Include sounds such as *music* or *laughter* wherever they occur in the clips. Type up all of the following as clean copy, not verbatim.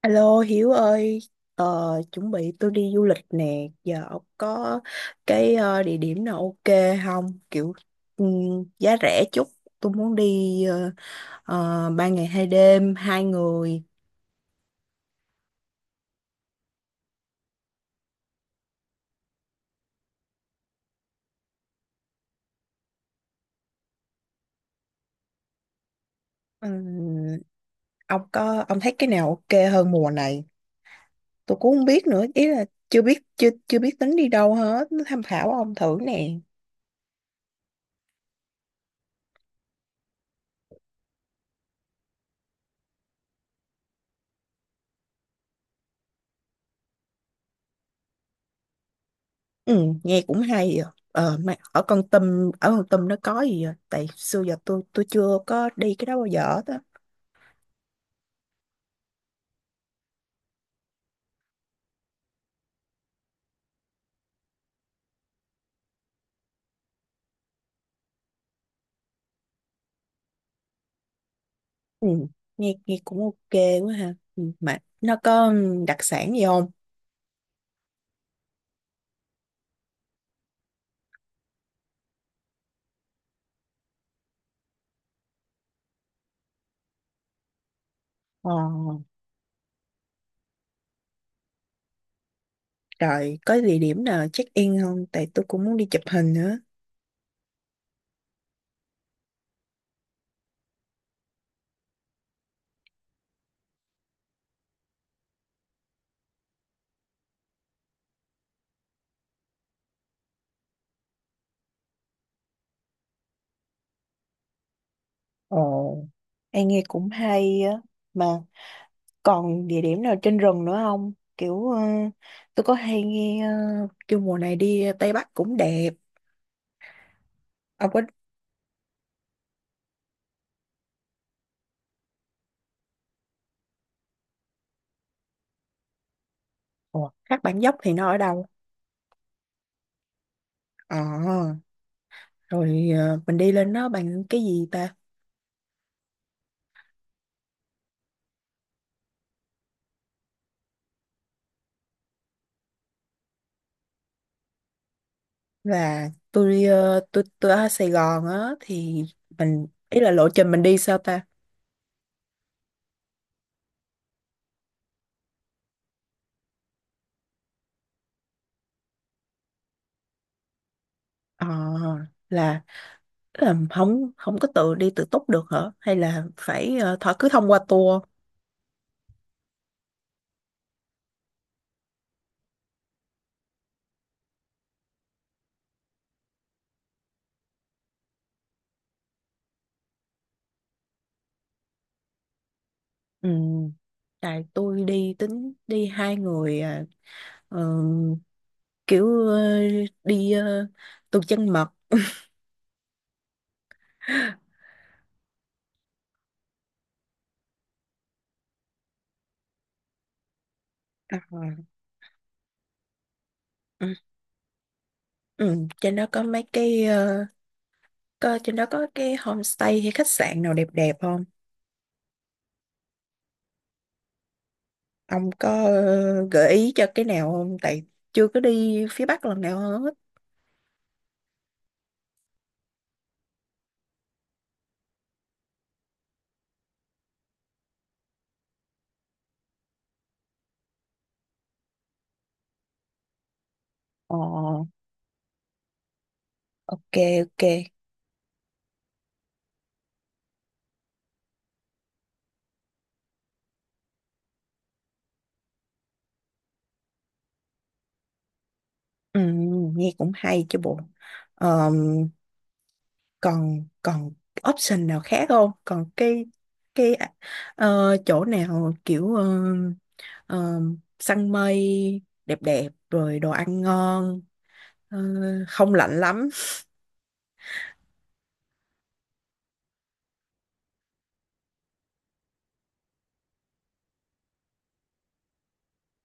Alo Hiếu ơi, ờ, chuẩn bị tôi đi du lịch nè, giờ ông có cái địa điểm nào ok không? Kiểu giá rẻ chút, tôi muốn đi ba ngày hai đêm, hai người. Ừm, ông thấy cái nào ok hơn mùa này? Tôi cũng không biết nữa, ý là chưa biết tính đi đâu hết, tham khảo ông thử nè. Ừ, nghe cũng hay à. Ờ, mà ở Kon Tum nó có gì vậy? Tại xưa giờ tôi chưa có đi cái đó bao giờ hết á. Ừ. Nghe cũng ok quá ha. Ừ. Mà nó có đặc sản gì không? Ờ, rồi có địa điểm nào check in không? Tại tôi cũng muốn đi chụp hình nữa. Ồ, em nghe cũng hay á. Mà còn địa điểm nào trên rừng nữa không? Tôi có hay nghe kêu mùa này đi Tây Bắc cũng đẹp. Ông có Ủa, Thác Bản Dốc thì nó ở đâu? Ờ, rồi mình đi lên đó bằng cái gì ta? Và tôi tôi ở Sài Gòn á, thì mình ý là lộ trình mình đi sao ta? Ờ, là tức là không không có tự đi tự túc được hả, hay là phải thọ cứ thông qua tour? Ừ, tại tôi đi tính đi hai người, à, ờ, kiểu ờ, đi ờ, tuần trăng mật. À, ừ. Ừ, trên đó có mấy cái trên đó có cái homestay hay khách sạn nào đẹp đẹp không? Ông có gợi ý cho cái nào không? Tại chưa có đi phía Bắc lần nào hết. Ồ, ok, ok. Ừ, nghe cũng hay chứ bộ. Ờm, còn còn option nào khác không? Còn cái chỗ nào kiểu ờ, săn mây đẹp đẹp rồi đồ ăn ngon, ờ, không lạnh lắm.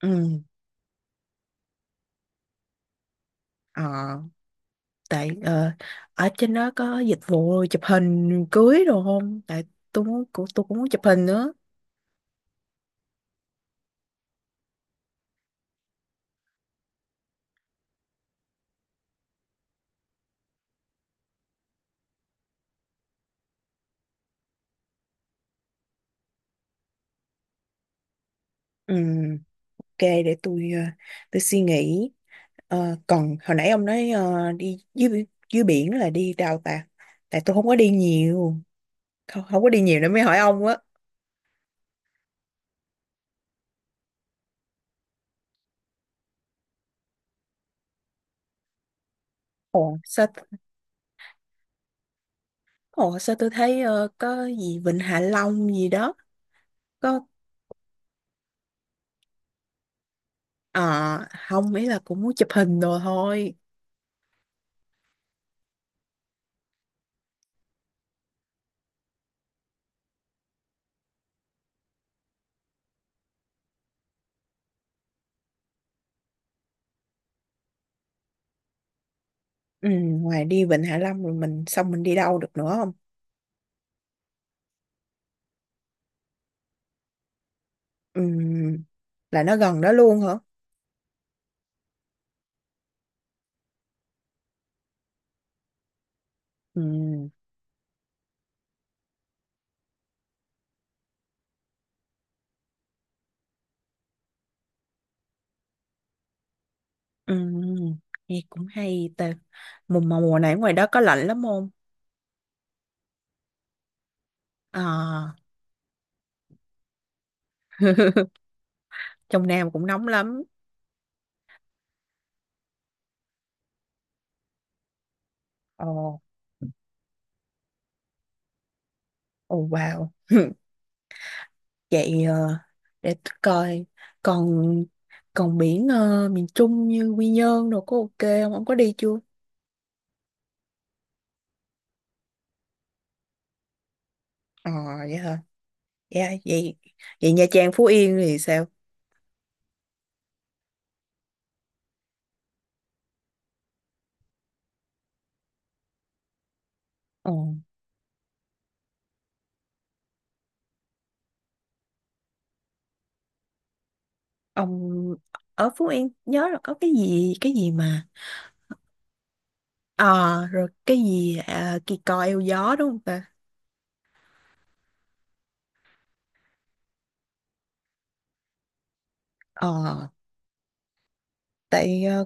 Ừ. Ờ. Tại ở trên đó có dịch vụ chụp hình cưới đồ không, tại tôi cũng muốn chụp hình nữa. Ừ, ok, để tôi tôi suy nghĩ. Ờ, còn hồi nãy ông nói đi dưới biển là đi đâu ta? Tại tôi không có đi nhiều. Không, không có đi nhiều nên mới hỏi ông á. Ồ sao? Ồ sao, tôi thấy có gì Vịnh Hạ Long gì đó. Có, ờ, không, ý là cũng muốn chụp hình đồ thôi. Ừ, ngoài đi Vịnh Hạ Long rồi mình xong mình đi đâu được nữa không? Ừm, là nó gần đó luôn hả? Ừm, ừm, nghe cũng hay ta. Mùa mà mùa này ở ngoài đó có lạnh lắm không? À, trong Nam cũng nóng lắm. Ồ, ồ wow. *laughs* Vậy để tôi coi, còn còn biển miền Trung như Quy Nhơn đồ có ok không? Ông có đi chưa? Ờ vậy hả? Dạ vậy, vậy Nha Trang Phú Yên thì sao? Ồ, ông ở Phú Yên nhớ là có cái gì mà. Ờ, rồi cái gì à, kỳ cò eo gió đúng không ta? Ờ, tại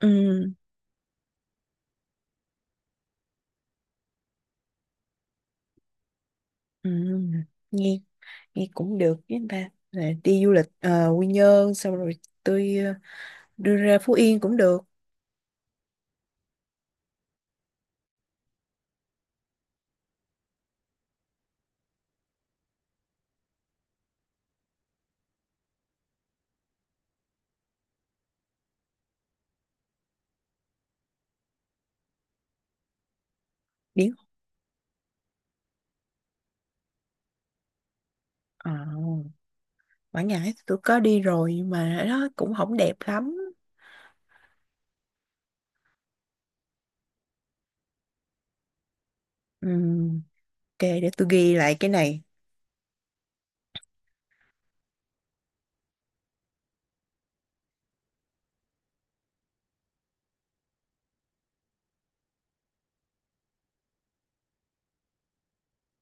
ừ, ừ, nghe nghe cũng được, với anh ba là đi du lịch Quy Nhơn xong rồi tôi đưa ra Phú Yên cũng được. Biển ờ, Quảng Ngãi thì tôi có đi rồi nhưng mà nó cũng không đẹp lắm. Ừ, ok, để tôi ghi lại cái này.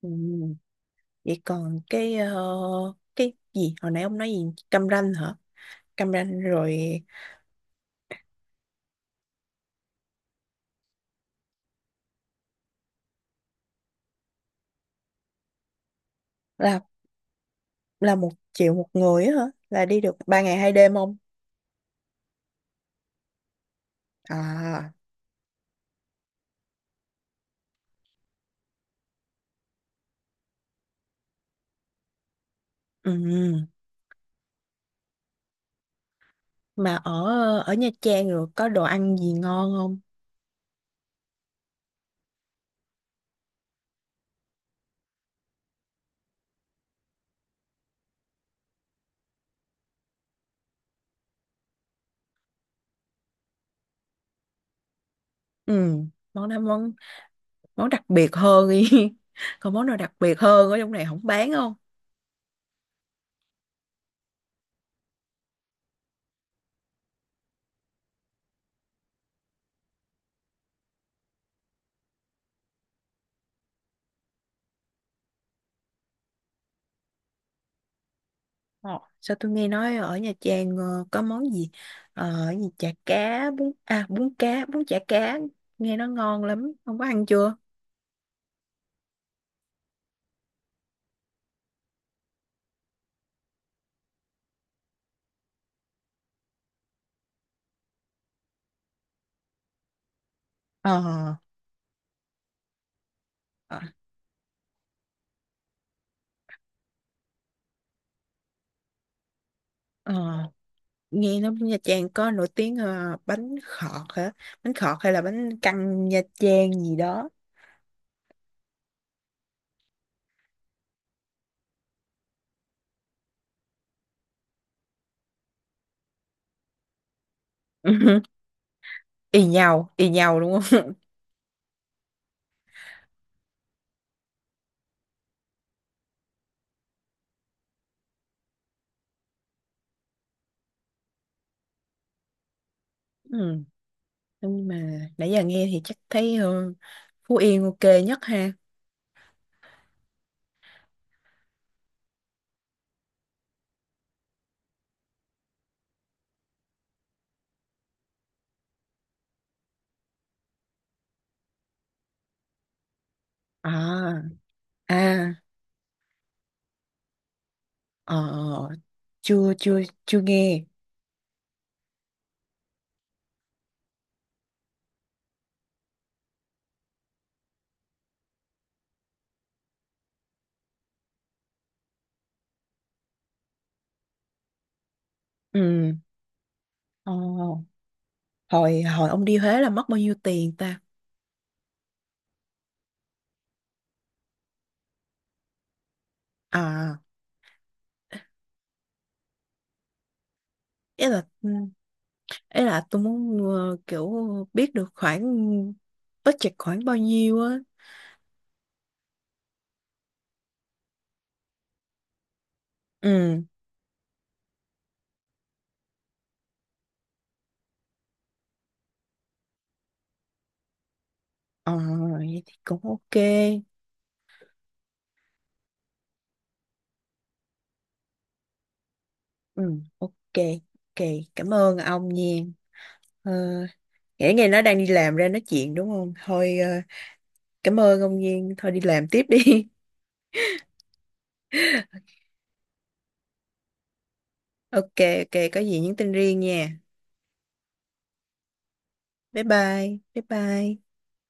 Ừ, vậy còn cái cái gì hồi nãy ông nói gì, cam ranh hả, cam ranh rồi. là là một triệu một người á hả? Là đi được ba ngày hai đêm không? À, ừ. Mà ở ở Nha Trang rồi có đồ ăn gì ngon không? Ừ. Món đó, món món đặc biệt hơn đi. *laughs* Còn món nào đặc biệt hơn ở trong này không, bán không? Ờ, sao tôi nghe nói ở Nha Trang có món gì ờ gì chả cá bún à bún cá bún chả cá, nghe nó ngon lắm, không có ăn chưa? Ờ. Ờ. Ờ, nghe nói Nha Trang có nổi tiếng bánh khọt hả, bánh khọt hay là bánh căn Nha Trang gì đó. *laughs* Y nhau y nhau đúng không? *laughs* Ừ. Nhưng mà nãy giờ nghe thì chắc thấy Phú Yên ok nhất ha. À. À. Ờ, chưa, chưa, chưa nghe. Ừ. Ờ, hồi hồi ông đi Huế là mất bao nhiêu tiền ta? À, ý là ừ, ý là tôi muốn kiểu biết được khoảng budget khoảng bao nhiêu á. Ừ. Ờ, vậy thì cũng ok. Ừ, ok, ok. Cảm ơn ông Nhiên. Ờ, nghĩ ngày nó đang đi làm ra nói chuyện đúng không? Thôi, cảm ơn ông Nhiên. Thôi đi làm tiếp đi. *laughs* Ok, ok. Có gì nhắn tin riêng nha. Bye bye. Bye bye.